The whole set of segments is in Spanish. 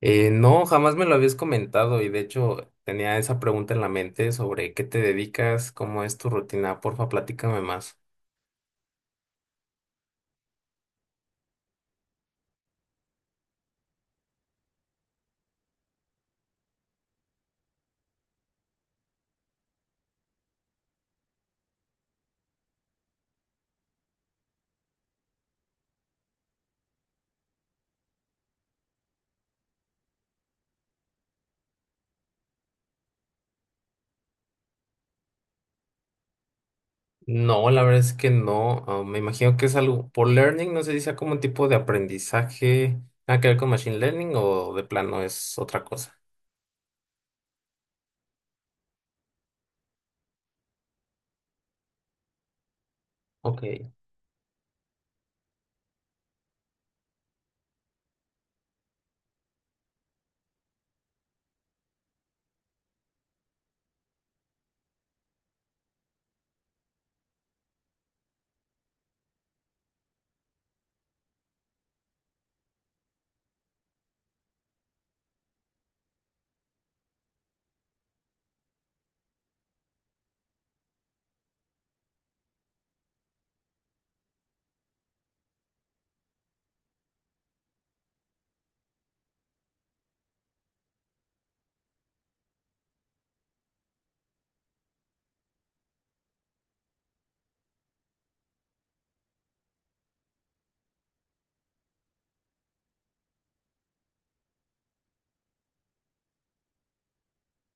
No, jamás me lo habías comentado, y de hecho tenía esa pregunta en la mente sobre qué te dedicas, cómo es tu rutina. Porfa, platícame más. No, la verdad es que no, me imagino que es algo por learning, no sé si sea como un tipo de aprendizaje, nada que ver con machine learning o de plano es otra cosa. Ok,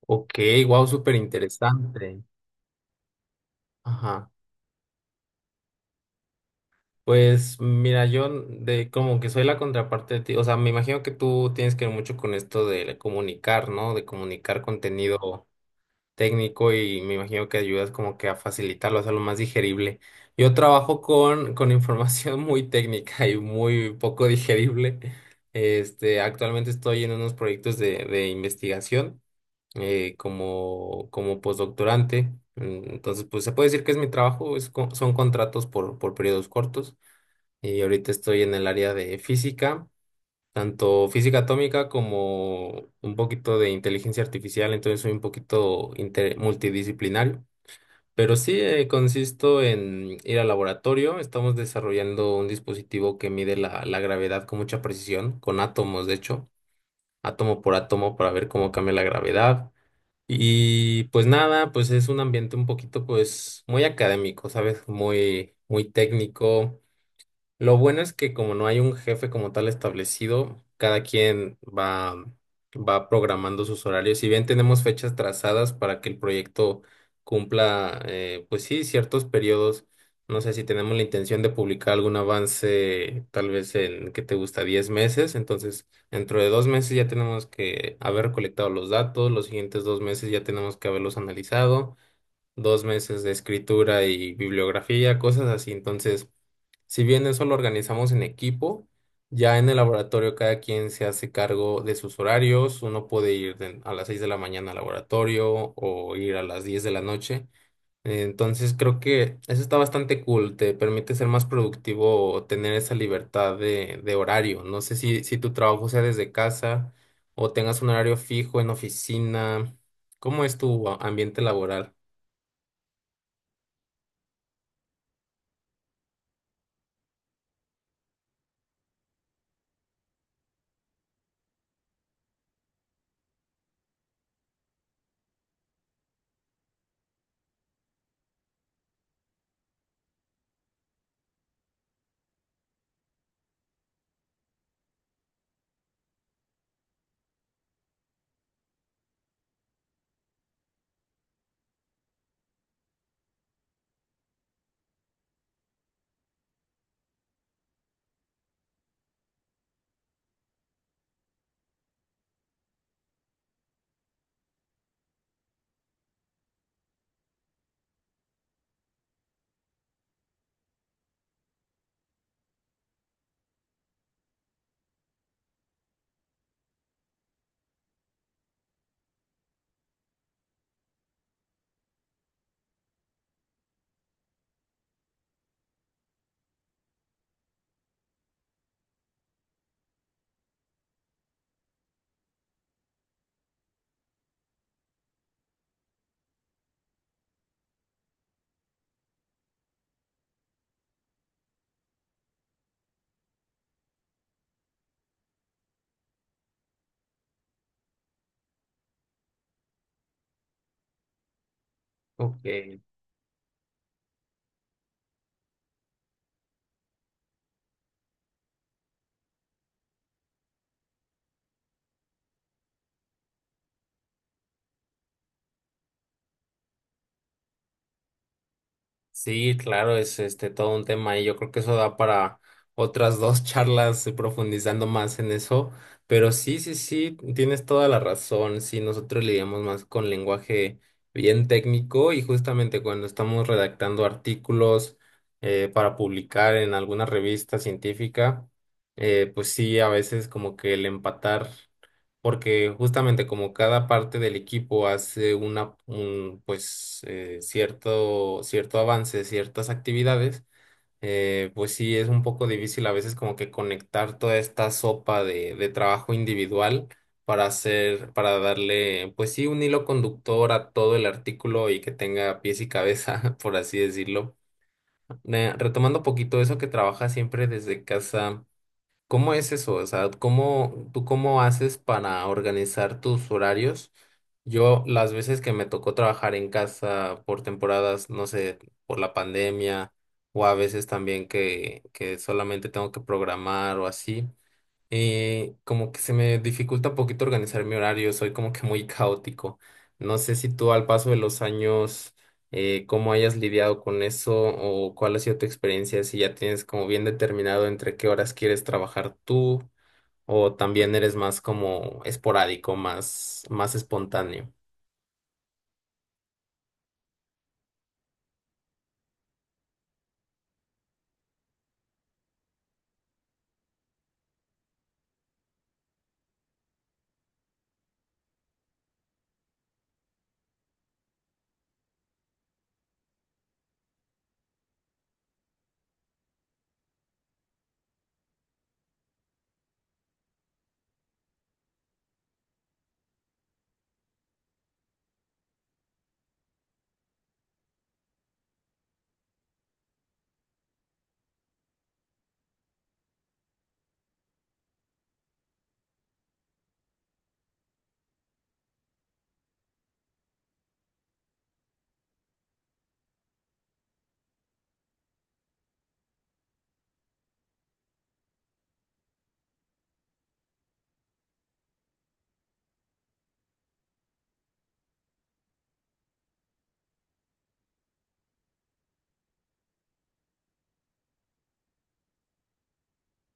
ok, wow, súper interesante. Ajá. Pues mira, yo de como que soy la contraparte de ti, o sea, me imagino que tú tienes que ver mucho con esto de comunicar, ¿no? De comunicar contenido técnico, y me imagino que ayudas como que a facilitarlo, a hacerlo más digerible. Yo trabajo con información muy técnica y muy poco digerible. Este, actualmente estoy en unos proyectos de investigación, como postdoctorante. Entonces, pues se puede decir que es mi trabajo, es son contratos por periodos cortos. Y ahorita estoy en el área de física, tanto física atómica como un poquito de inteligencia artificial, entonces soy un poquito multidisciplinario. Pero sí, consisto en ir al laboratorio. Estamos desarrollando un dispositivo que mide la gravedad con mucha precisión, con átomos, de hecho, átomo por átomo, para ver cómo cambia la gravedad. Y pues nada, pues es un ambiente un poquito, pues, muy académico, ¿sabes? Muy, muy técnico. Lo bueno es que como no hay un jefe como tal establecido, cada quien va programando sus horarios. Si bien tenemos fechas trazadas para que el proyecto cumpla, pues sí, ciertos periodos. No sé si tenemos la intención de publicar algún avance, tal vez en, ¿qué te gusta? 10 meses. Entonces, dentro de 2 meses ya tenemos que haber recolectado los datos, los siguientes 2 meses ya tenemos que haberlos analizado, 2 meses de escritura y bibliografía, cosas así. Entonces... Si bien eso lo organizamos en equipo, ya en el laboratorio cada quien se hace cargo de sus horarios. Uno puede ir a las 6 de la mañana al laboratorio o ir a las 10 de la noche. Entonces creo que eso está bastante cool. Te permite ser más productivo o tener esa libertad de horario. No sé si tu trabajo sea desde casa o tengas un horario fijo en oficina. ¿Cómo es tu ambiente laboral? Ok. Sí, claro, es este todo un tema y yo creo que eso da para otras dos charlas, profundizando más en eso, pero sí, sí, sí, tienes toda la razón. Sí, nosotros lidiamos más con lenguaje bien técnico, y justamente cuando estamos redactando artículos para publicar en alguna revista científica, pues sí, a veces como que el empatar, porque justamente como cada parte del equipo hace una, un, pues, cierto avance, ciertas actividades, pues sí, es un poco difícil a veces como que conectar toda esta sopa de trabajo individual para hacer, para darle, pues sí, un hilo conductor a todo el artículo y que tenga pies y cabeza, por así decirlo. Retomando un poquito eso que trabaja siempre desde casa. ¿Cómo es eso? O sea, ¿cómo, tú cómo haces para organizar tus horarios? Yo las veces que me tocó trabajar en casa por temporadas, no sé, por la pandemia, o a veces también que solamente tengo que programar o así, y como que se me dificulta un poquito organizar mi horario, soy como que muy caótico. No sé si tú al paso de los años, cómo hayas lidiado con eso o cuál ha sido tu experiencia, si ya tienes como bien determinado entre qué horas quieres trabajar tú, o también eres más como esporádico, más espontáneo.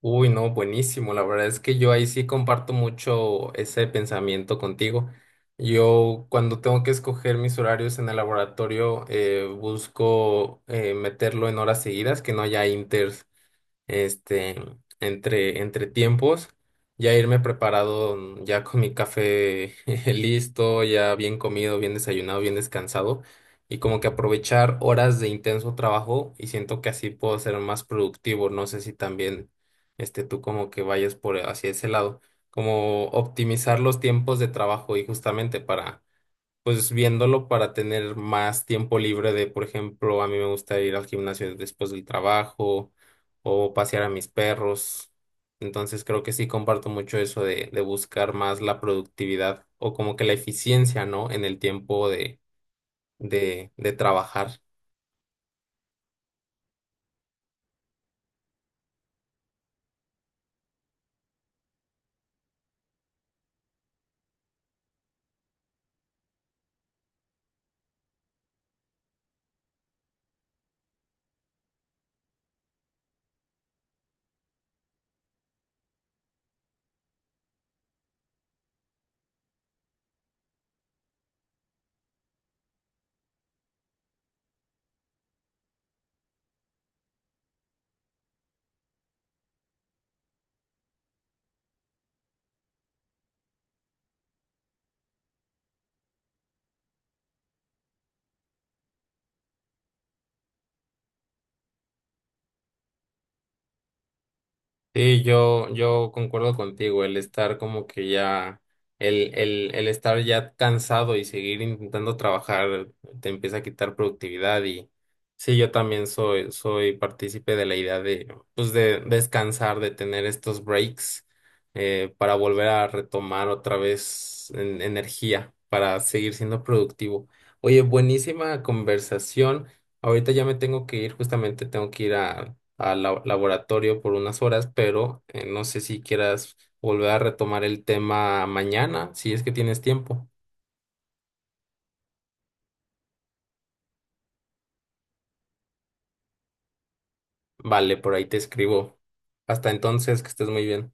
Uy, no, buenísimo. La verdad es que yo ahí sí comparto mucho ese pensamiento contigo. Yo cuando tengo que escoger mis horarios en el laboratorio, busco meterlo en horas seguidas, que no haya inter este, entre tiempos, ya irme preparado, ya con mi café listo, ya bien comido, bien desayunado, bien descansado, y como que aprovechar horas de intenso trabajo, y siento que así puedo ser más productivo. No sé si también este, tú como que vayas por hacia ese lado, como optimizar los tiempos de trabajo y justamente para, pues viéndolo para tener más tiempo libre de, por ejemplo, a mí me gusta ir al gimnasio después del trabajo o pasear a mis perros. Entonces creo que sí comparto mucho eso de buscar más la productividad o como que la eficiencia, ¿no? En el tiempo de trabajar. Sí, yo concuerdo contigo. El estar como que ya, el estar ya cansado y seguir intentando trabajar te empieza a quitar productividad, y sí, yo también soy, partícipe de la idea de, pues, de descansar, de tener estos breaks, para volver a retomar otra vez energía, para seguir siendo productivo. Oye, buenísima conversación. Ahorita ya me tengo que ir, justamente tengo que ir al laboratorio por unas horas, pero no sé si quieras volver a retomar el tema mañana, si es que tienes tiempo. Vale, por ahí te escribo. Hasta entonces, que estés muy bien.